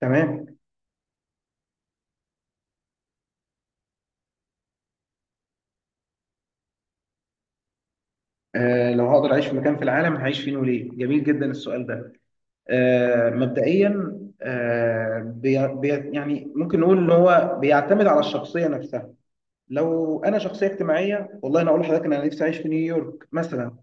تمام. لو هقدر اعيش في مكان في العالم هعيش فين وليه؟ جميل جدا السؤال ده. مبدئيا، آه بي بي يعني ممكن نقول ان هو بيعتمد على الشخصيه نفسها. لو انا شخصيه اجتماعيه، والله انا اقول لحضرتك إن انا نفسي اعيش في نيويورك مثلا.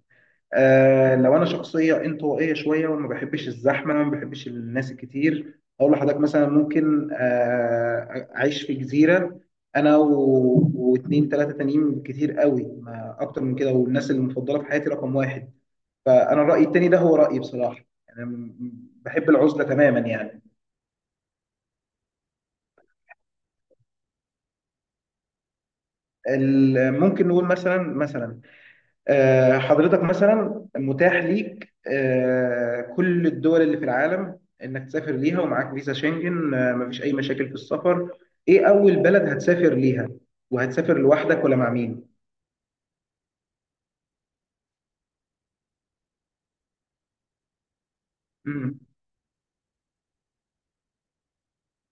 لو انا شخصيه انطوائيه شويه وما بحبش الزحمه وما بحبش الناس الكتير، اقول لحضرتك مثلا ممكن اعيش في جزيره. انا واتنين تلاته تانيين، كتير قوي ما اكتر من كده، والناس المفضله في حياتي رقم واحد. فانا الراي التاني ده هو رايي بصراحه. انا بحب العزله تماما يعني. ممكن نقول مثلا حضرتك مثلا متاح ليك كل الدول اللي في العالم انك تسافر ليها، ومعاك فيزا شنجن، مفيش اي مشاكل في السفر. ايه اول بلد هتسافر ليها؟ وهتسافر لوحدك ولا مع مين؟ مم.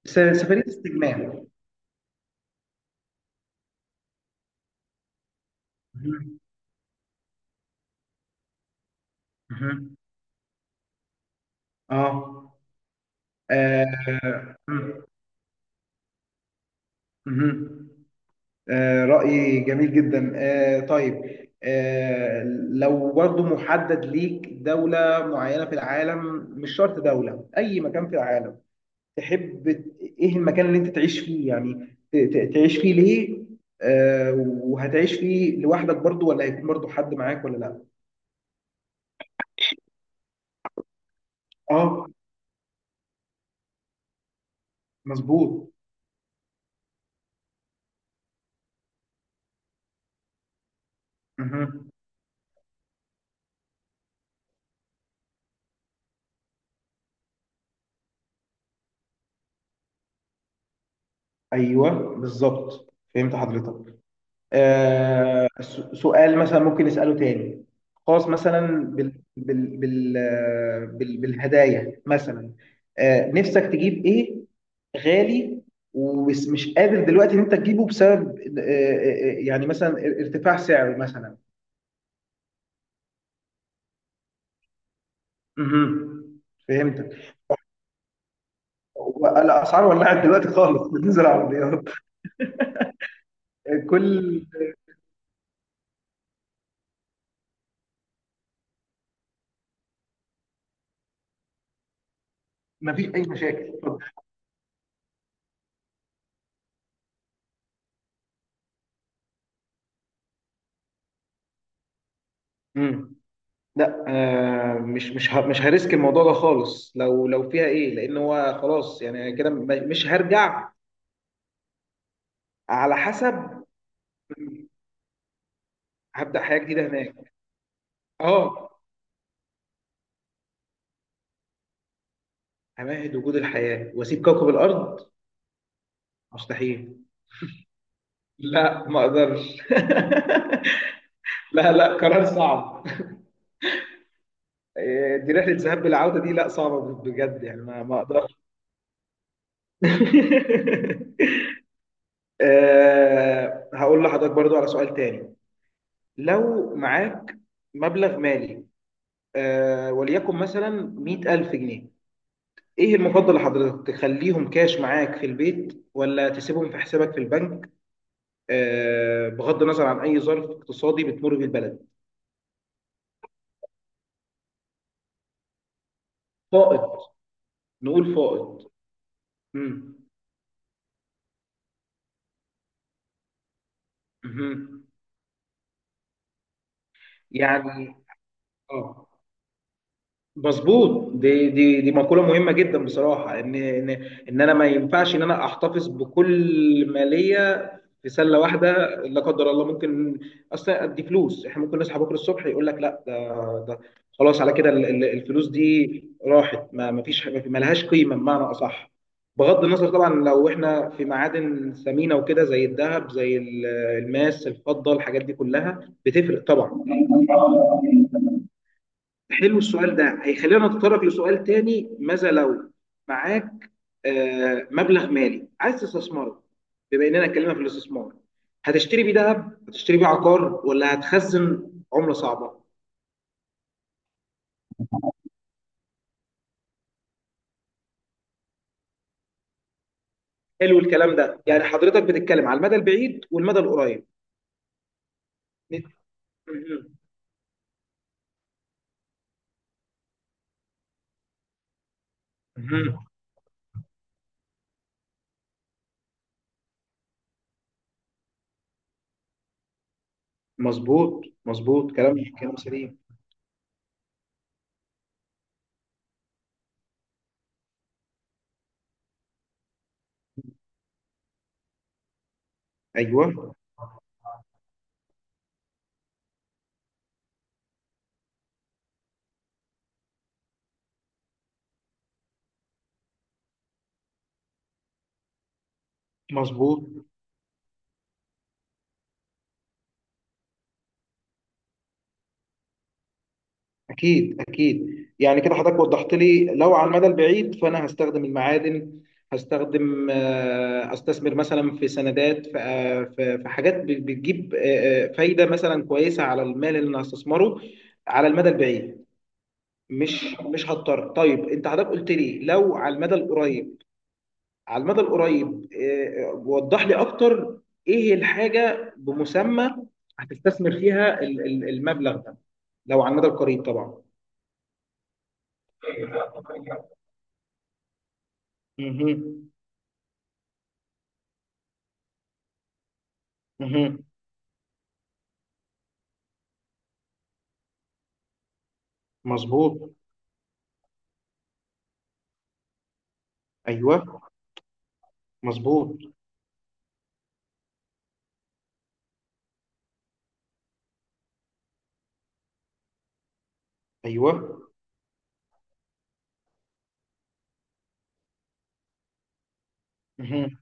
سفرية استجمام. مهم. مهم. اه. مم. مهم. رأي جميل جدا. طيب. آه، لو برضو محدد ليك دولة معينة في العالم، مش شرط دولة، أي مكان في العالم. تحب إيه المكان اللي أنت تعيش فيه، يعني تعيش فيه ليه؟ آه، وهتعيش فيه لوحدك برضو ولا هيكون برضو حد معاك ولا لا؟ آه مظبوط. مهم. أيوه، بالظبط، فهمت حضرتك. سؤال مثلا ممكن نسأله تاني، خاص مثلا. بالهدايا مثلا. نفسك تجيب ايه؟ غالي، ومش مش قادر دلوقتي ان انت تجيبه بسبب، يعني مثلا ارتفاع سعره مثلا. مهم. فهمتك. الاسعار ولعت دلوقتي خالص. بتنزل عربيات. كل. ما فيش اي مشاكل، اتفضل. مم. لا، مش مش هريسك الموضوع ده خالص، لو فيها ايه، لان هو خلاص يعني كده مش هرجع. على حسب. هبدأ حياة جديدة هناك. اه. همهد وجود الحياة واسيب كوكب الارض؟ مستحيل. لا، ما اقدرش. لا، لا، قرار صعب. دي رحلة ذهاب بالعودة، دي لا صعبة بجد يعني ما اقدرش. هقول لحضرتك برضو على سؤال تاني. لو معاك مبلغ مالي، وليكن مثلا 100,000 جنيه، ايه المفضل لحضرتك، تخليهم كاش معاك في البيت ولا تسيبهم في حسابك في البنك؟ بغض النظر عن اي ظرف اقتصادي بتمر بيه البلد. فائض. نقول فائض. مم. مهم. يعني. اه. مظبوط، دي مقولة مهمة جدا بصراحة ان انا ما ينفعش ان انا احتفظ بكل مالية في سلة واحدة. لا قدر الله ممكن. اصلا دي فلوس، احنا ممكن نصحى بكرة الصبح يقول لك لا ده، ده خلاص على كده الفلوس دي راحت، ما فيش ما لهاش قيمة بمعنى اصح. بغض النظر طبعا لو احنا في معادن ثمينة وكده زي الذهب، زي الماس، الفضة، الحاجات دي كلها بتفرق طبعا. حلو السؤال ده، هيخلينا نتطرق لسؤال تاني. ماذا لو معاك مبلغ مالي عايز تستثمره؟ بما اننا اتكلمنا في الاستثمار، هتشتري بيه ذهب، هتشتري بيه عقار، ولا هتخزن عملة صعبة؟ حلو الكلام ده، يعني حضرتك بتتكلم على المدى البعيد والمدى القريب. مهم. مهم. مظبوط مظبوط، كلام سليم. ايوه، مظبوط. أكيد أكيد. يعني كده حضرتك وضحت لي، لو على المدى البعيد فأنا هستخدم المعادن، هستخدم أستثمر مثلا في سندات، في حاجات بتجيب فايدة مثلا كويسة على المال اللي أنا هستثمره على المدى البعيد. مش هضطر. طيب أنت حضرتك قلت لي لو على المدى القريب، على المدى القريب وضح لي أكتر. إيه الحاجة بمسمى هتستثمر فيها المبلغ ده لو على المدى القريب طبعا؟ مهم. مهم. مظبوط. ايوه، مظبوط. ايوه. مهم.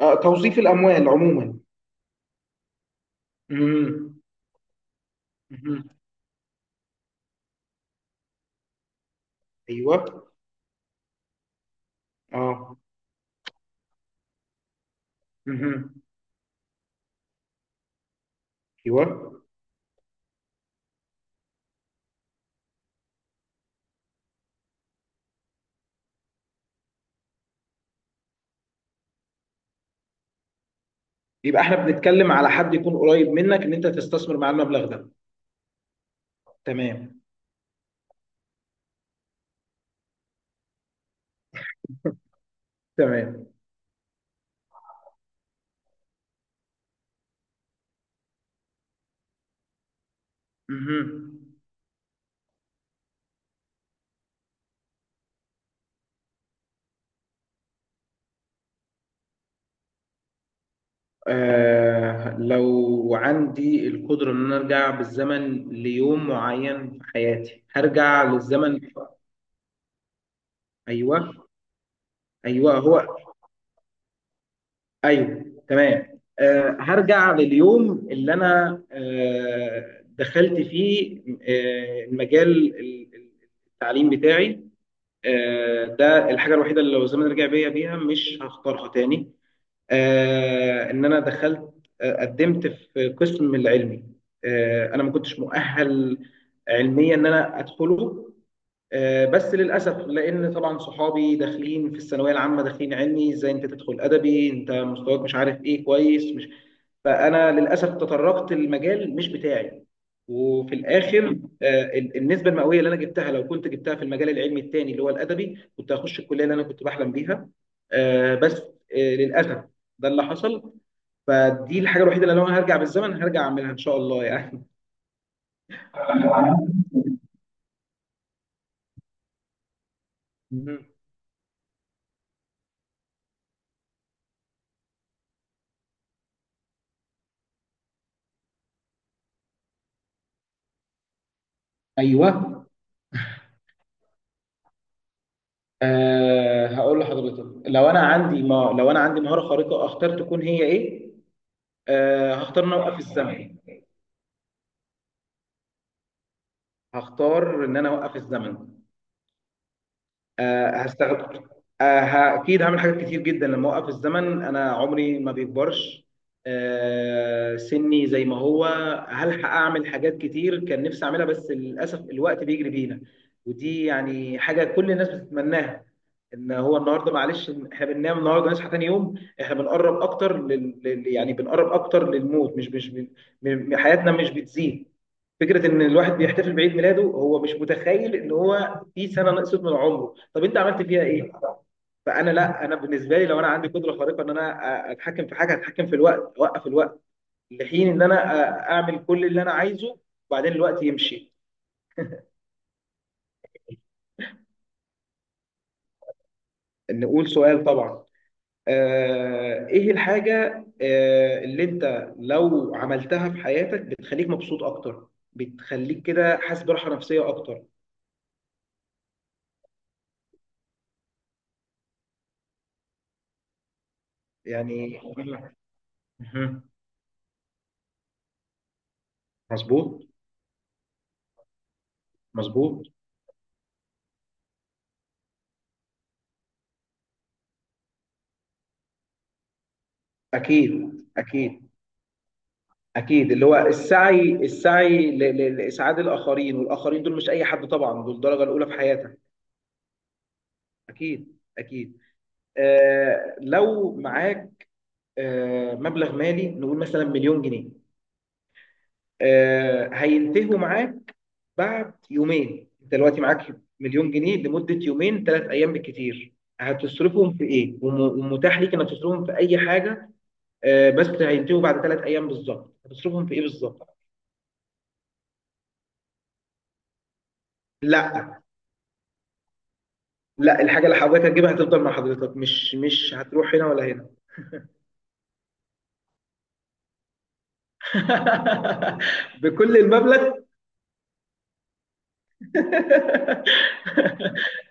توظيف الاموال عموما. مهم. مهم. ايوه. اه. مهم. ايوه. يبقى احنا بنتكلم على حد يكون قريب منك ان انت تستثمر معاه المبلغ ده. تمام، تمام. مهم. لو عندي القدرة إن أنا أرجع بالزمن ليوم معين في حياتي، هرجع للزمن. أيوه، أيوه، هو، ايوه، تمام. هرجع لليوم اللي انا دخلت فيه المجال ال- ال- التعليم بتاعي. ده الحاجه الوحيده اللي لو الزمن رجع بيا بيها مش هختارها تاني. ان انا دخلت، قدمت في قسم العلمي. انا ما كنتش مؤهل علميا ان انا ادخله. بس للاسف، لان طبعا صحابي داخلين في الثانويه العامه داخلين علمي، ازاي انت تدخل ادبي؟ انت مستواك مش عارف ايه، كويس، مش. فانا للاسف تطرقت المجال مش بتاعي. وفي الاخر، النسبه المئويه اللي انا جبتها، لو كنت جبتها في المجال العلمي التاني اللي هو الادبي، كنت هخش الكليه اللي انا كنت بحلم بيها. بس للاسف، ده اللي حصل. فدي الحاجه الوحيده اللي لو انا هرجع بالزمن هرجع اعملها ان شاء الله يعني. مهم. ايوه. هقول لحضرتك، لو انا عندي ما لو انا عندي مهاره خارقه، اختار تكون هي ايه؟ هختار ان أنا اوقف الزمن. هختار ان انا اوقف الزمن. أه هستخدم أه ه- اكيد هعمل حاجات كتير جدا. لما اوقف الزمن انا عمري ما بيكبرش. سني زي ما هو. هلحق اعمل حاجات كتير كان نفسي اعملها، بس للاسف الوقت بيجري بينا. ودي يعني حاجه كل الناس بتتمناها، ان هو النهارده معلش إن احنا بننام النهارده نصحى تاني يوم، احنا بنقرب اكتر يعني بنقرب اكتر للموت. مش مش ب... م... حياتنا مش بتزيد. فكره ان الواحد بيحتفل بعيد ميلاده هو مش متخيل ان هو في سنه نقصت من عمره، طب انت عملت فيها ايه؟ فانا لا، انا بالنسبه لي لو انا عندي قدره خارقه ان انا اتحكم في حاجه، اتحكم في الوقت، اوقف الوقت لحين ان انا اعمل كل اللي انا عايزه، وبعدين الوقت يمشي. نقول سؤال طبعا. ايه الحاجة اللي انت لو عملتها في حياتك بتخليك مبسوط اكتر، بتخليك كده حاسس براحة نفسية اكتر؟ يعني. مهم. مظبوط. مظبوط. اكيد، اكيد. اكيد اللي هو السعي، السعي لاسعاد الاخرين، والاخرين دول مش اي حد طبعا، دول الدرجة الاولى في حياتك. اكيد، اكيد. لو معاك مبلغ مالي، نقول مثلا 1,000,000 جنيه، هينتهوا معاك بعد يومين. انت دلوقتي معاك مليون جنيه لمده يومين، ثلاث ايام بالكتير. هتصرفهم في ايه؟ ومتاح ليك انك تصرفهم في اي حاجه، بس هينتهوا بعد ثلاث ايام بالظبط. هتصرفهم في ايه بالظبط؟ لا، لا، الحاجه اللي حضرتك هتجيبها هتفضل مع حضرتك، مش مش هتروح هنا ولا هنا. بكل المبلغ؟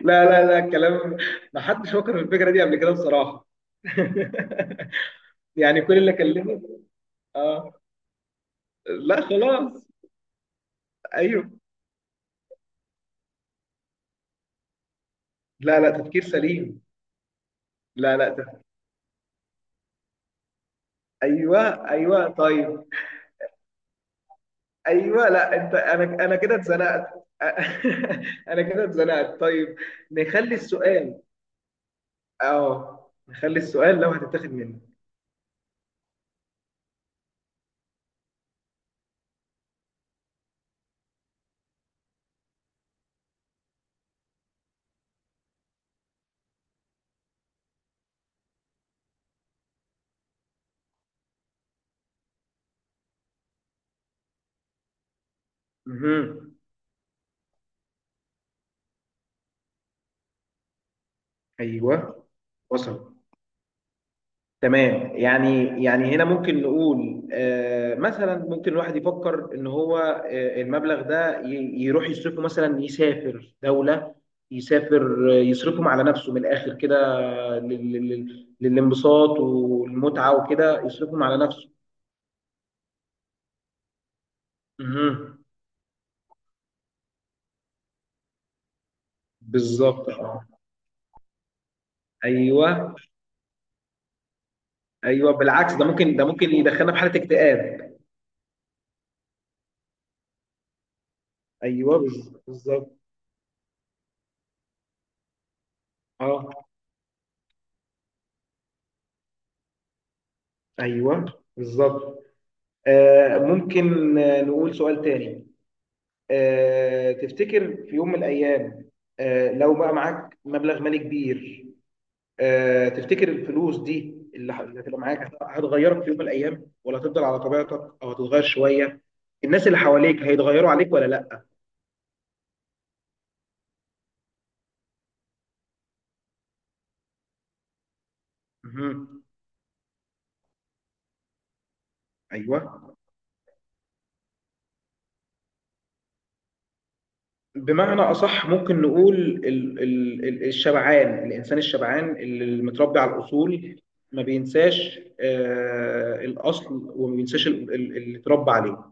لا، لا، لا، الكلام ما حدش فكر في الفكره دي قبل كده بصراحه. يعني كل اللي اكلمه. اه. لا خلاص. ايوه. لا، لا، تفكير سليم. لا، لا، ايوه، ايوه، طيب. ايوه، لا انت، انا كده اتزنقت. انا كده اتزنقت، طيب. نخلي السؤال. اه نخلي السؤال لو هتتاخد مني. مهم. ايوه. وصل. تمام. يعني هنا ممكن نقول مثلا ممكن الواحد يفكر ان هو المبلغ ده يروح يصرفه، مثلا يسافر دولة، يسافر، يصرفهم على نفسه من الاخر كده، للانبساط والمتعة وكده يصرفهم على نفسه. مهم. بالظبط، اه. ايوه، ايوه، بالعكس، ده ممكن يدخلنا في حالة اكتئاب. ايوه، بالظبط. اه. ايوه، بالظبط. ممكن نقول سؤال تاني. تفتكر في يوم من الايام، لو بقى معاك مبلغ مالي كبير، تفتكر الفلوس دي اللي هتبقى معاك هتغيرك في يوم من الايام، ولا هتفضل على طبيعتك او هتتغير شويه؟ الناس اللي حواليك هيتغيروا عليك ولا لا؟ مهم. ايوه، بمعنى اصح ممكن نقول ال ال ال الشبعان، الانسان الشبعان اللي متربي على الاصول ما بينساش الاصل، وما بينساش اللي اتربى عليه.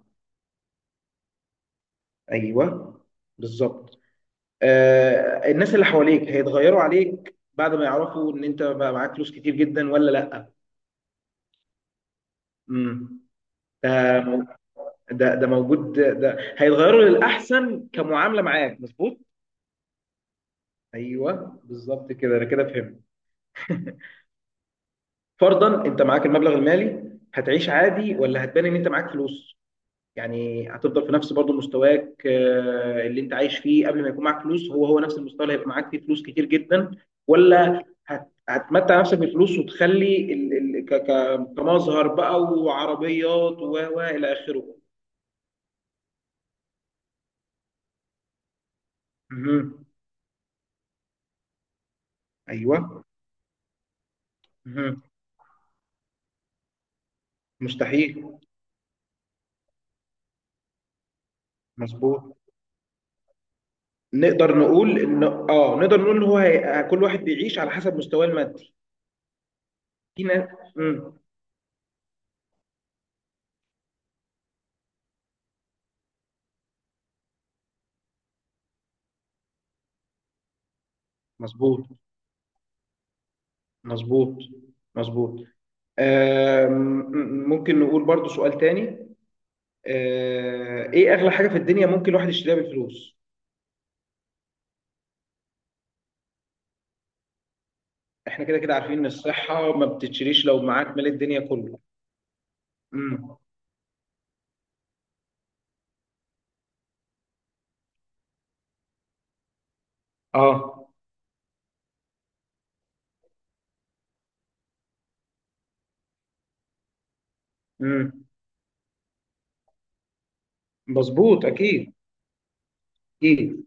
ايوه، بالظبط. الناس اللي حواليك هيتغيروا عليك بعد ما يعرفوا ان انت بقى معاك فلوس كتير جدا ولا لا؟ امم. ده مو- ده موجود، ده هيتغيروا للاحسن كمعامله معاك. مظبوط. ايوه، بالظبط كده، انا كده فهمت. فرضا انت معاك المبلغ المالي، هتعيش عادي ولا هتبان ان انت معاك فلوس؟ يعني هتفضل في نفس برضه مستواك، اللي انت عايش فيه قبل ما يكون معاك فلوس هو هو نفس المستوى اللي هيبقى معاك فيه فلوس كتير جدا، ولا هتمتع نفسك بالفلوس وتخلي كمظهر بقى، وعربيات و الى اخره. مهم. ايوه. مستحيل. مظبوط. نقدر نقول ان هو كل واحد بيعيش على حسب مستواه المادي. في ناس. مم. مظبوط، مظبوط، مظبوط. آم، مم، ممكن نقول برضو سؤال تاني. ايه اغلى حاجة في الدنيا ممكن الواحد يشتريها بالفلوس؟ احنا كده كده عارفين ان الصحة ما بتتشريش لو معاك مال الدنيا كله. مم. اه. مم. مظبوط، اكيد، اكيد.